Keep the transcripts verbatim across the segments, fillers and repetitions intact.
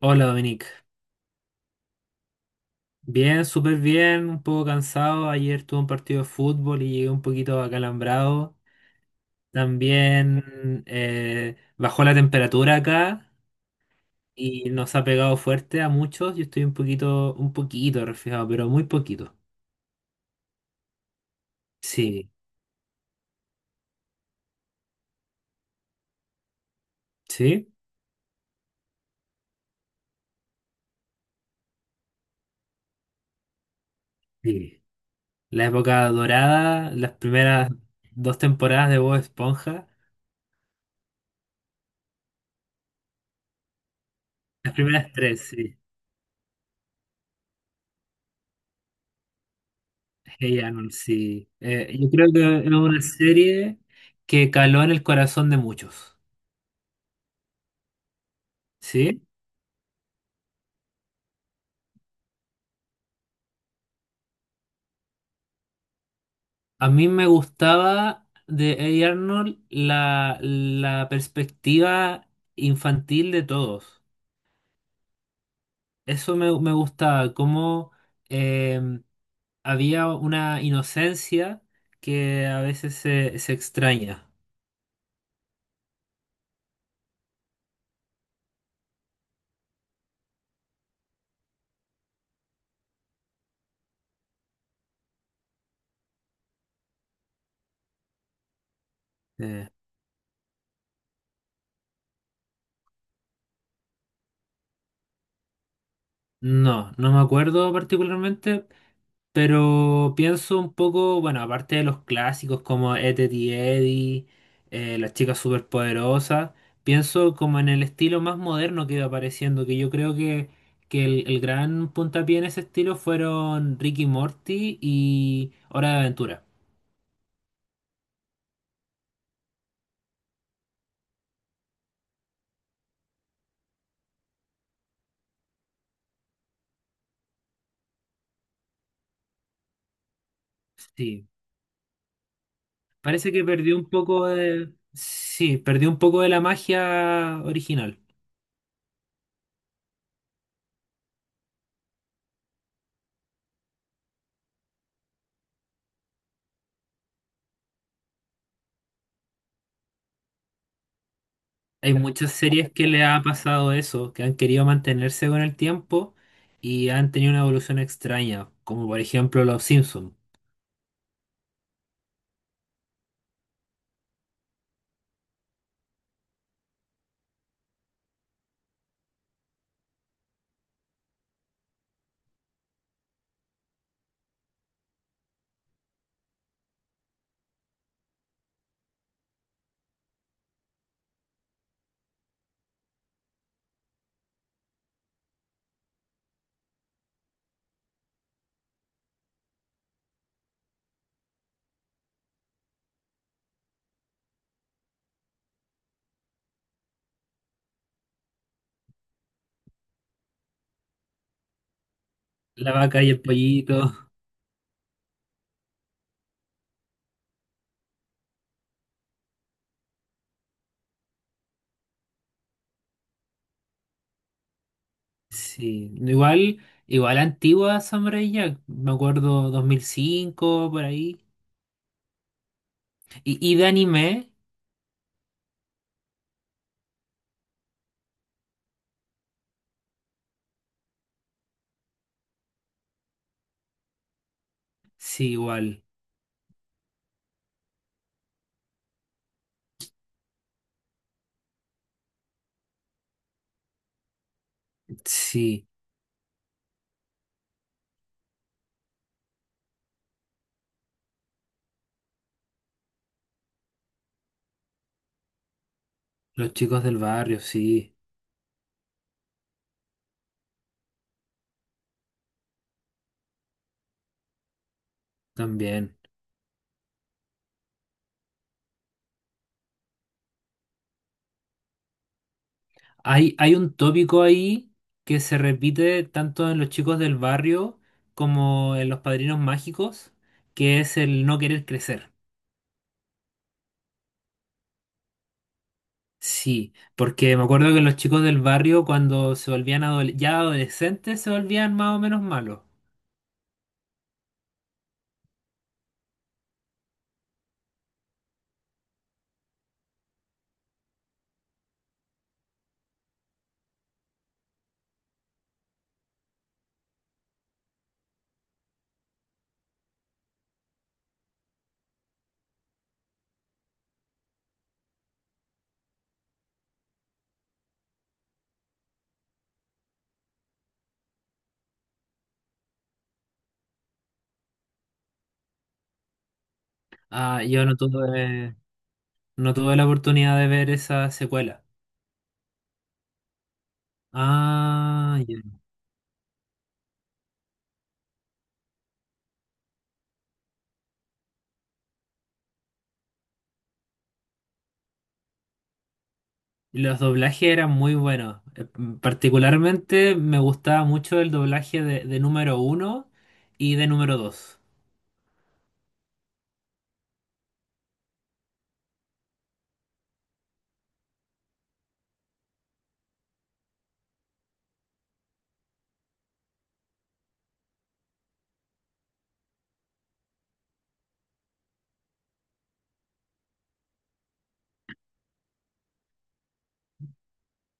Hola, Dominic. Bien, súper bien, un poco cansado. Ayer tuve un partido de fútbol y llegué un poquito acalambrado. También eh, bajó la temperatura acá y nos ha pegado fuerte a muchos. Yo estoy un poquito, un poquito resfriado, pero muy poquito. Sí, sí, sí. La época dorada, las primeras dos temporadas de Bob Esponja, las primeras tres, sí. Hey Arnold, sí. Eh, yo creo que es una serie que caló en el corazón de muchos. ¿Sí? A mí me gustaba de Hey Arnold la, la perspectiva infantil de todos. Eso me, me gustaba, cómo eh, había una inocencia que a veces se, se extraña. Eh, no, no me acuerdo particularmente. Pero pienso un poco, bueno, aparte de los clásicos como Ed, Edd y Eddy, eh, Las chicas superpoderosas. Pienso como en el estilo más moderno que iba apareciendo, que yo creo que, que el, el gran puntapié en ese estilo fueron Ricky Morty y Hora de Aventura. Sí, parece que perdió un poco de, sí, perdió un poco de la magia original. Hay muchas series que le ha pasado eso, que han querido mantenerse con el tiempo y han tenido una evolución extraña, como por ejemplo Los Simpsons. La vaca y el pollito. Sí, igual, igual antigua Samurai Jack, me acuerdo dos mil cinco por ahí. Y, y de anime, Sí, igual. Sí, Los chicos del barrio, sí, también. Hay, hay un tópico ahí que se repite tanto en los chicos del barrio como en los padrinos mágicos, que es el no querer crecer. Sí, porque me acuerdo que los chicos del barrio cuando se volvían adole- ya adolescentes se volvían más o menos malos. Ah, yo no tuve, no tuve la oportunidad de ver esa secuela. Ah, ya. Y los doblajes eran muy buenos. Eh, m- Particularmente me gustaba mucho el doblaje de, de número uno y de número dos.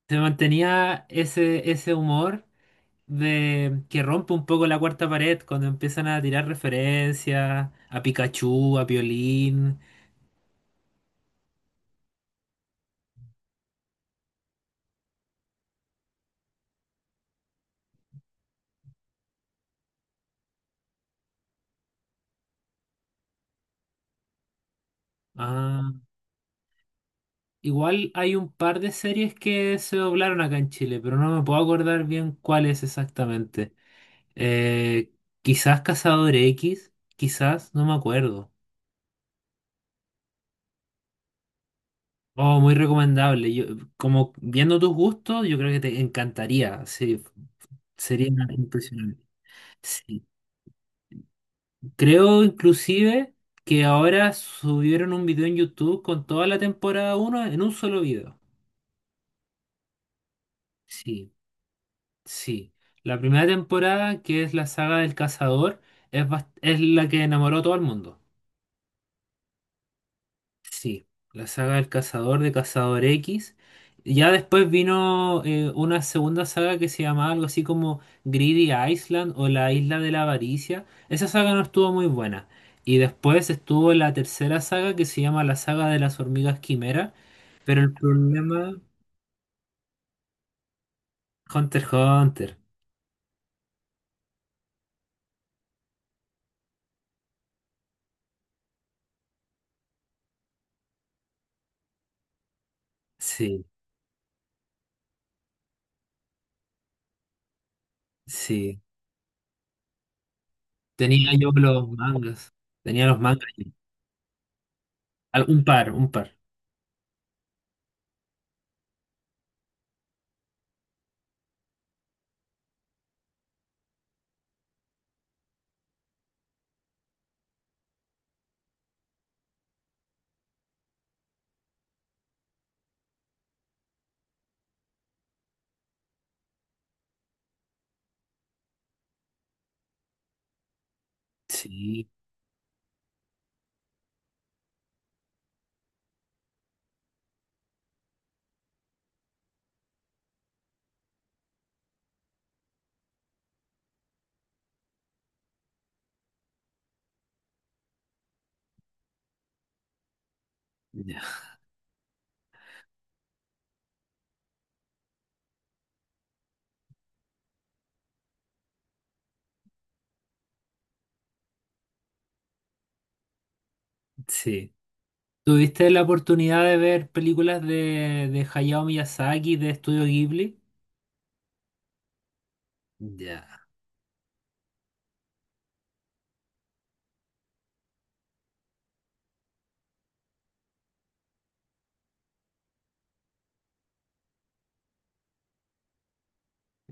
Se mantenía ese, ese humor de que rompe un poco la cuarta pared cuando empiezan a tirar referencias a Pikachu, a Piolín. a- Igual hay un par de series que se doblaron acá en Chile, pero no me puedo acordar bien cuáles exactamente. Eh, Quizás Cazador X, quizás, no me acuerdo. Oh, muy recomendable. Yo, como viendo tus gustos, yo creo que te encantaría. Sí, sería impresionante. Sí. Creo inclusive que ahora subieron un video en YouTube con toda la temporada uno en un solo video. Sí, sí. La primera temporada, que es la saga del cazador, es, bast- es la que enamoró a todo el mundo. Sí, la saga del cazador de Cazador X. Ya después vino eh, una segunda saga que se llamaba algo así como Greedy Island o la Isla de la Avaricia. Esa saga no estuvo muy buena. Y después estuvo la tercera saga que se llama la saga de las hormigas quimera. Pero el problema, Hunter x Hunter. Sí, sí. Tenía yo los mangas. Tenía los mangas. Al- Un par, un par. Sí, ya, sí. ¿Tuviste la oportunidad de ver películas de, de Hayao Miyazaki, de Estudio Ghibli? Ya,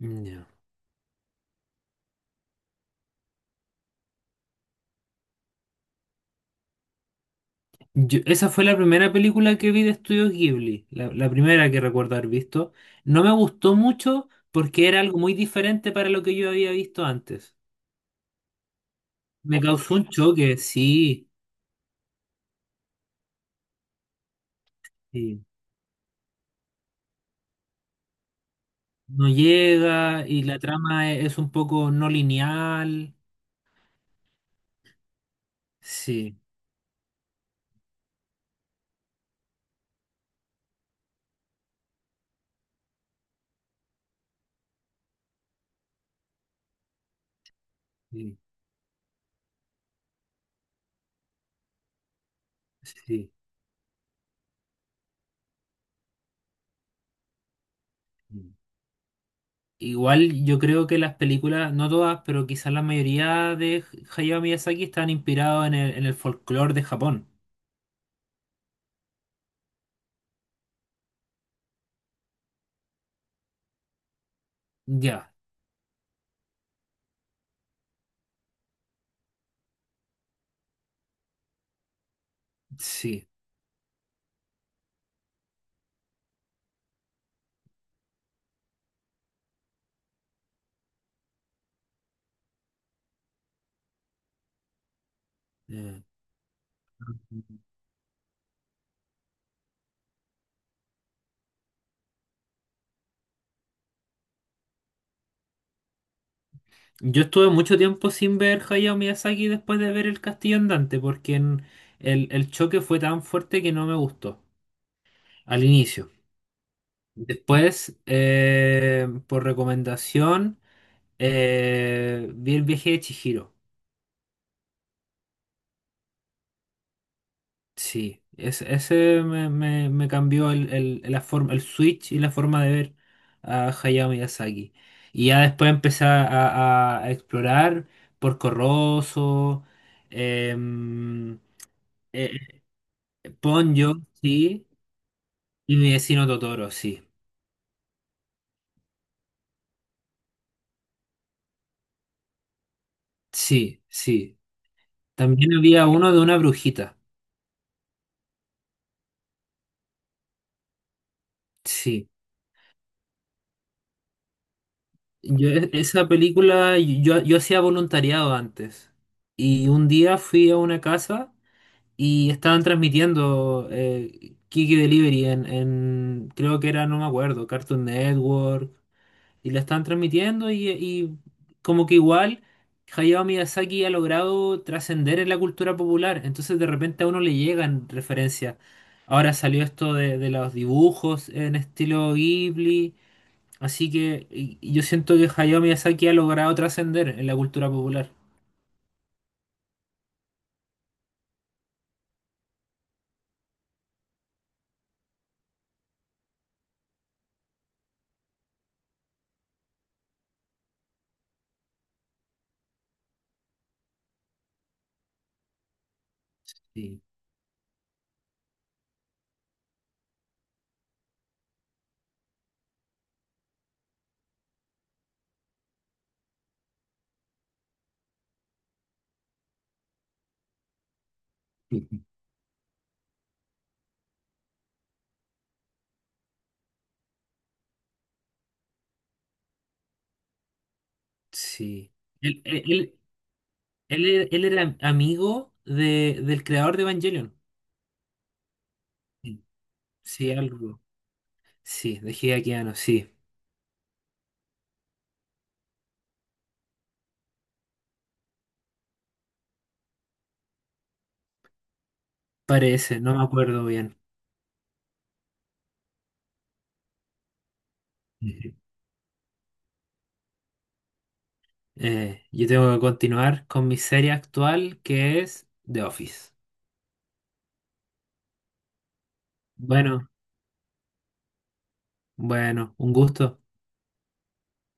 ya. Yo- esa fue la primera película que vi de Estudio Ghibli, la, la primera que recuerdo haber visto. No me gustó mucho porque era algo muy diferente para lo que yo había visto antes. Me causó un choque, sí. Sí. No llega y la trama e- es un poco no lineal. Sí, sí, sí. Igual yo creo que las películas, no todas, pero quizás la mayoría de Hayao Miyazaki están inspirados en el, en el folclore de Japón. Ya, sí. eh. Yo estuve mucho tiempo sin ver Hayao Miyazaki después de ver El Castillo Andante, porque en- el, el choque fue tan fuerte que no me gustó al inicio. Después, eh, por recomendación, eh, vi El viaje de Chihiro. Sí, ese, ese me, me- me cambió el, el- la forma, el switch y la forma de ver a Hayao Miyazaki. Y ya después empecé a, a- a explorar Porco Rosso, em, eh, Ponyo, sí, y mi vecino Totoro, sí. Sí, sí. También había uno de una brujita, sí. Yo, e- esa película, yo, yo hacía voluntariado antes. Y un día fui a una casa. Y estaban transmitiendo eh, Kiki Delivery en, en, creo que era, no me acuerdo, Cartoon Network. Y la estaban transmitiendo y, y como que igual Hayao Miyazaki ha logrado trascender en la cultura popular. Entonces de repente a uno le llegan referencias. Ahora salió esto de, de los dibujos en estilo Ghibli. Así que y- y yo siento que Hayao Miyazaki ha logrado trascender en la cultura popular. Sí. Sí. Él, él- él- Él, e- él era amigo de, del creador de Evangelion. Sí. Sí, algo. Sí, de Hideaki Anno, sí. Parece, no me acuerdo bien. Ujú. Eh, yo tengo que continuar con mi serie actual que es The Office. Bueno, bueno, un gusto.